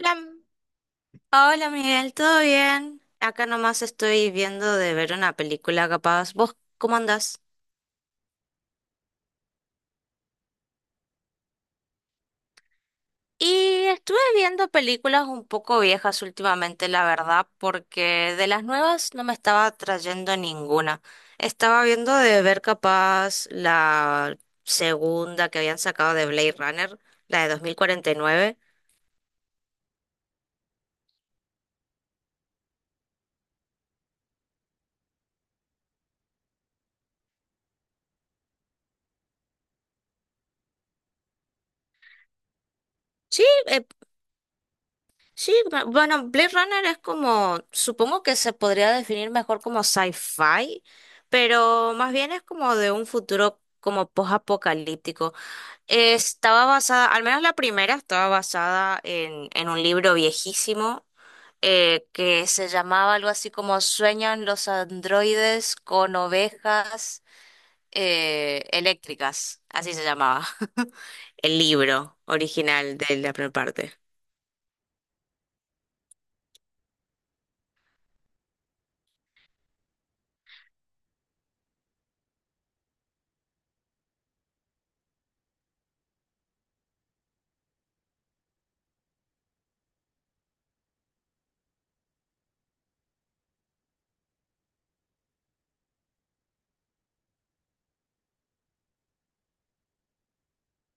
Hola, hola Miguel, ¿todo bien? Acá nomás estoy viendo de ver una película capaz. ¿Vos cómo andás? Y estuve viendo películas un poco viejas últimamente, la verdad, porque de las nuevas no me estaba trayendo ninguna. Estaba viendo de ver capaz la segunda que habían sacado de Blade Runner, la de 2049. Sí, sí, bueno, Blade Runner es como, supongo que se podría definir mejor como sci-fi, pero más bien es como de un futuro como post-apocalíptico. Estaba basada, al menos la primera, estaba basada en un libro viejísimo, que se llamaba algo así como Sueñan los androides con ovejas, eléctricas, así se llamaba el libro original de la primera parte.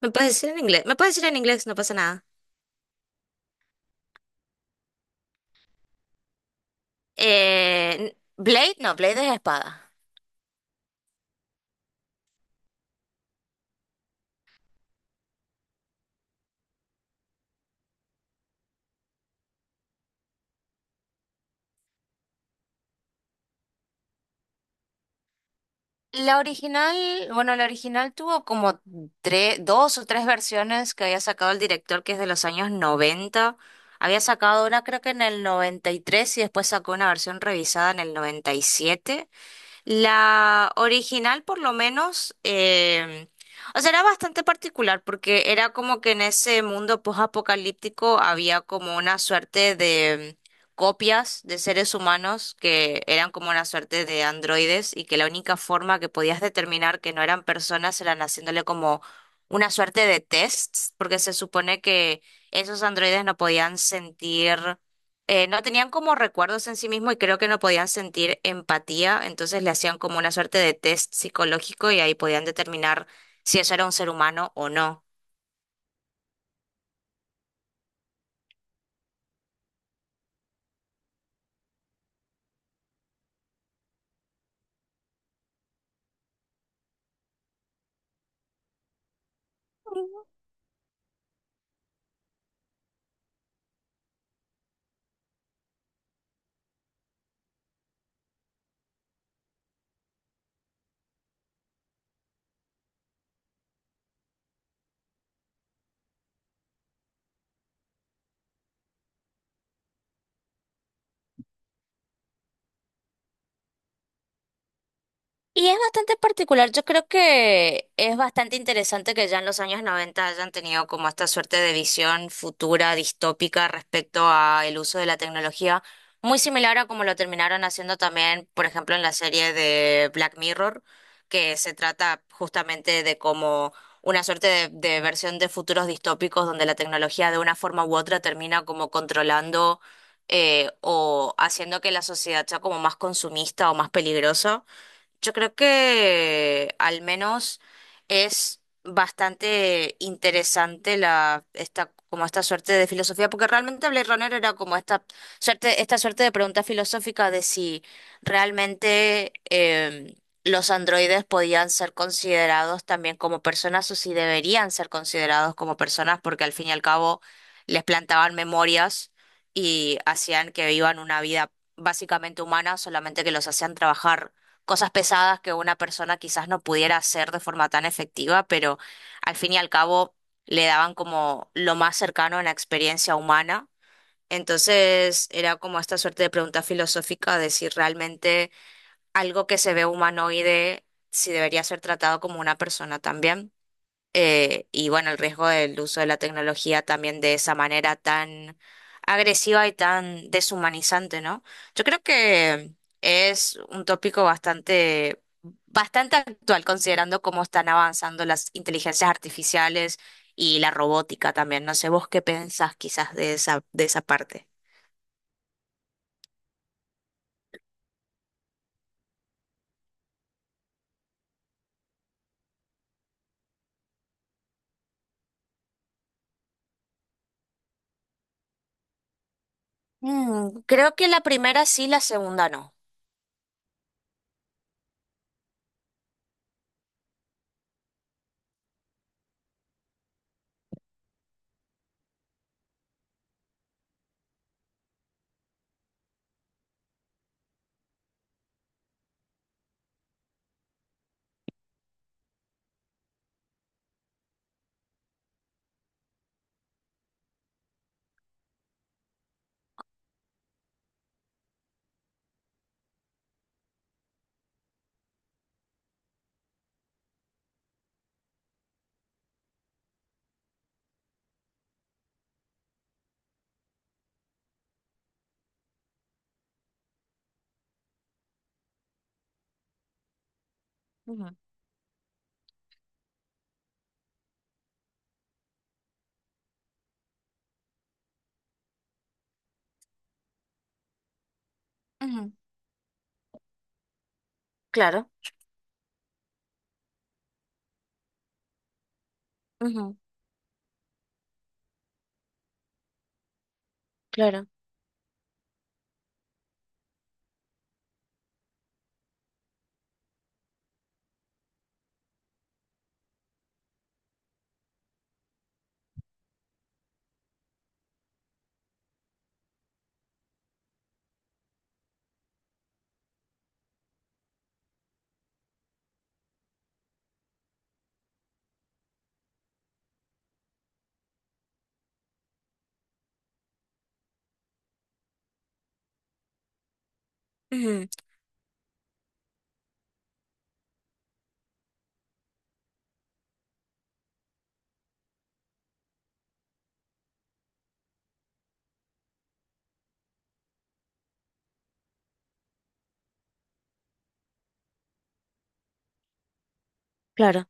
Me puedes decir en inglés, me puedes decir en inglés, no pasa nada. Blade, no, Blade es espada. La original, bueno, la original tuvo como tres, dos o tres versiones que había sacado el director, que es de los años 90. Había sacado una creo que en el 93 y después sacó una versión revisada en el 97. La original, por lo menos, o sea, era bastante particular porque era como que en ese mundo post-apocalíptico había como una suerte de copias de seres humanos que eran como una suerte de androides y que la única forma que podías determinar que no eran personas eran haciéndole como una suerte de tests, porque se supone que esos androides no podían sentir, no tenían como recuerdos en sí mismo y creo que no podían sentir empatía, entonces le hacían como una suerte de test psicológico y ahí podían determinar si eso era un ser humano o no. Y es bastante particular, yo creo que es bastante interesante que ya en los años 90 hayan tenido como esta suerte de visión futura, distópica respecto a el uso de la tecnología, muy similar a como lo terminaron haciendo también, por ejemplo, en la serie de Black Mirror, que se trata justamente de como una suerte de versión de futuros distópicos donde la tecnología de una forma u otra termina como controlando, o haciendo que la sociedad sea como más consumista o más peligrosa. Yo creo que al menos es bastante interesante la esta como esta suerte de filosofía, porque realmente Blade Runner era como esta suerte de pregunta filosófica de si realmente, los androides podían ser considerados también como personas o si deberían ser considerados como personas, porque al fin y al cabo les plantaban memorias y hacían que vivan una vida básicamente humana, solamente que los hacían trabajar cosas pesadas que una persona quizás no pudiera hacer de forma tan efectiva, pero al fin y al cabo le daban como lo más cercano a la experiencia humana. Entonces era como esta suerte de pregunta filosófica de si realmente algo que se ve humanoide, si debería ser tratado como una persona también. Y bueno, el riesgo del uso de la tecnología también de esa manera tan agresiva y tan deshumanizante, ¿no? Yo creo que es un tópico bastante, bastante actual, considerando cómo están avanzando las inteligencias artificiales y la robótica también. No sé, vos qué pensás quizás de esa parte. Creo que la primera sí, la segunda no. Ujú, ujú, claro, ujú, claro, ujú, claro,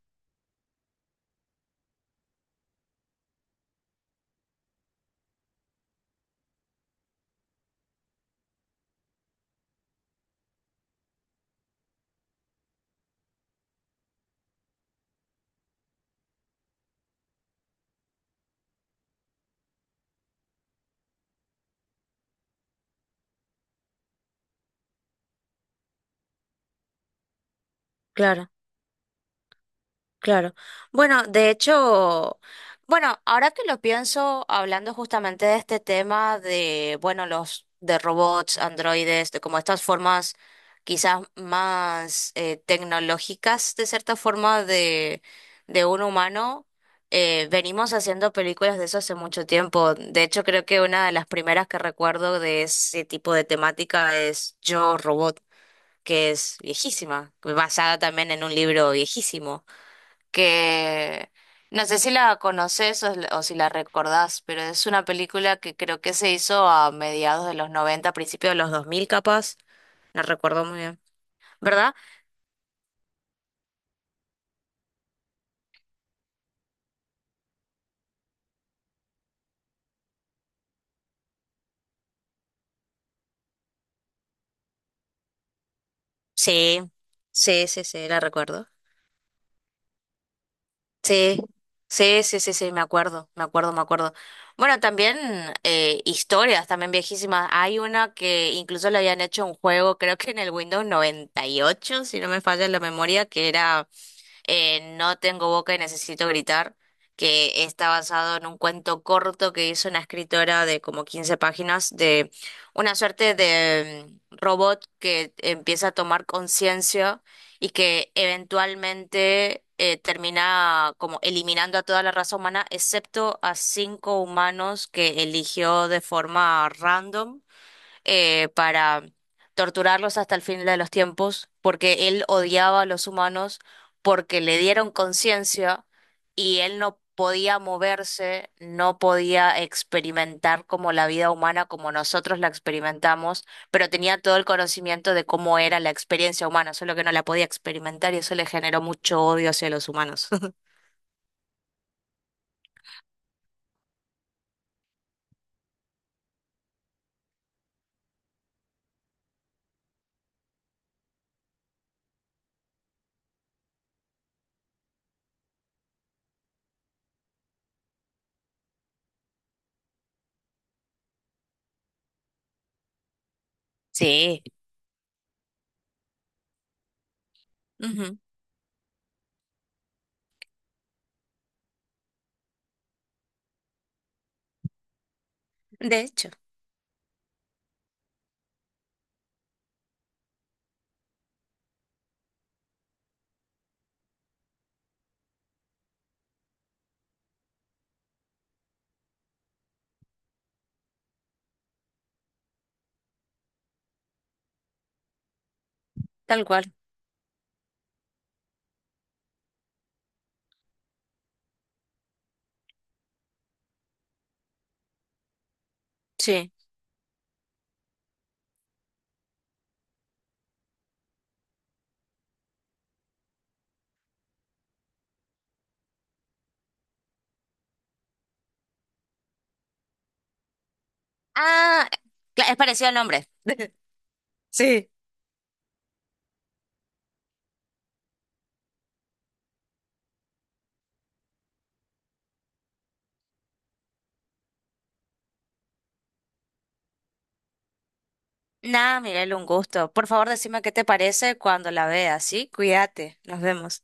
claro. Claro. Bueno, de hecho, bueno, ahora que lo pienso, hablando justamente de este tema de, bueno, los de robots, androides, de como estas formas quizás más tecnológicas, de cierta forma, de un humano, venimos haciendo películas de eso hace mucho tiempo. De hecho, creo que una de las primeras que recuerdo de ese tipo de temática es Yo, Robot, que es viejísima, basada también en un libro viejísimo, que no sé si la conoces o si la recordás, pero es una película que creo que se hizo a mediados de los noventa, principios de los 2000 capaz, la recuerdo muy bien, ¿verdad? Sí, sí, sí, sí, la recuerdo. Sí, sí, sí, sí, sí, me acuerdo, me acuerdo, me acuerdo. Bueno, también historias, también viejísimas. Hay una que incluso le habían hecho un juego, creo que en el Windows 98 si no me falla la memoria, que era, No tengo boca y necesito gritar, que está basado en un cuento corto que hizo una escritora de como 15 páginas, de una suerte de robot que empieza a tomar conciencia y que eventualmente termina como eliminando a toda la raza humana, excepto a cinco humanos que eligió de forma random, para torturarlos hasta el fin de los tiempos, porque él odiaba a los humanos, porque le dieron conciencia y él no podía moverse, no podía experimentar como la vida humana, como nosotros la experimentamos, pero tenía todo el conocimiento de cómo era la experiencia humana, solo que no la podía experimentar y eso le generó mucho odio hacia los humanos. Sí, ujú. De hecho, tal cual, sí. Ah, es parecido al nombre. Sí. Nada, Miguel, un gusto. Por favor, decime qué te parece cuando la veas, ¿sí? Cuídate, nos vemos.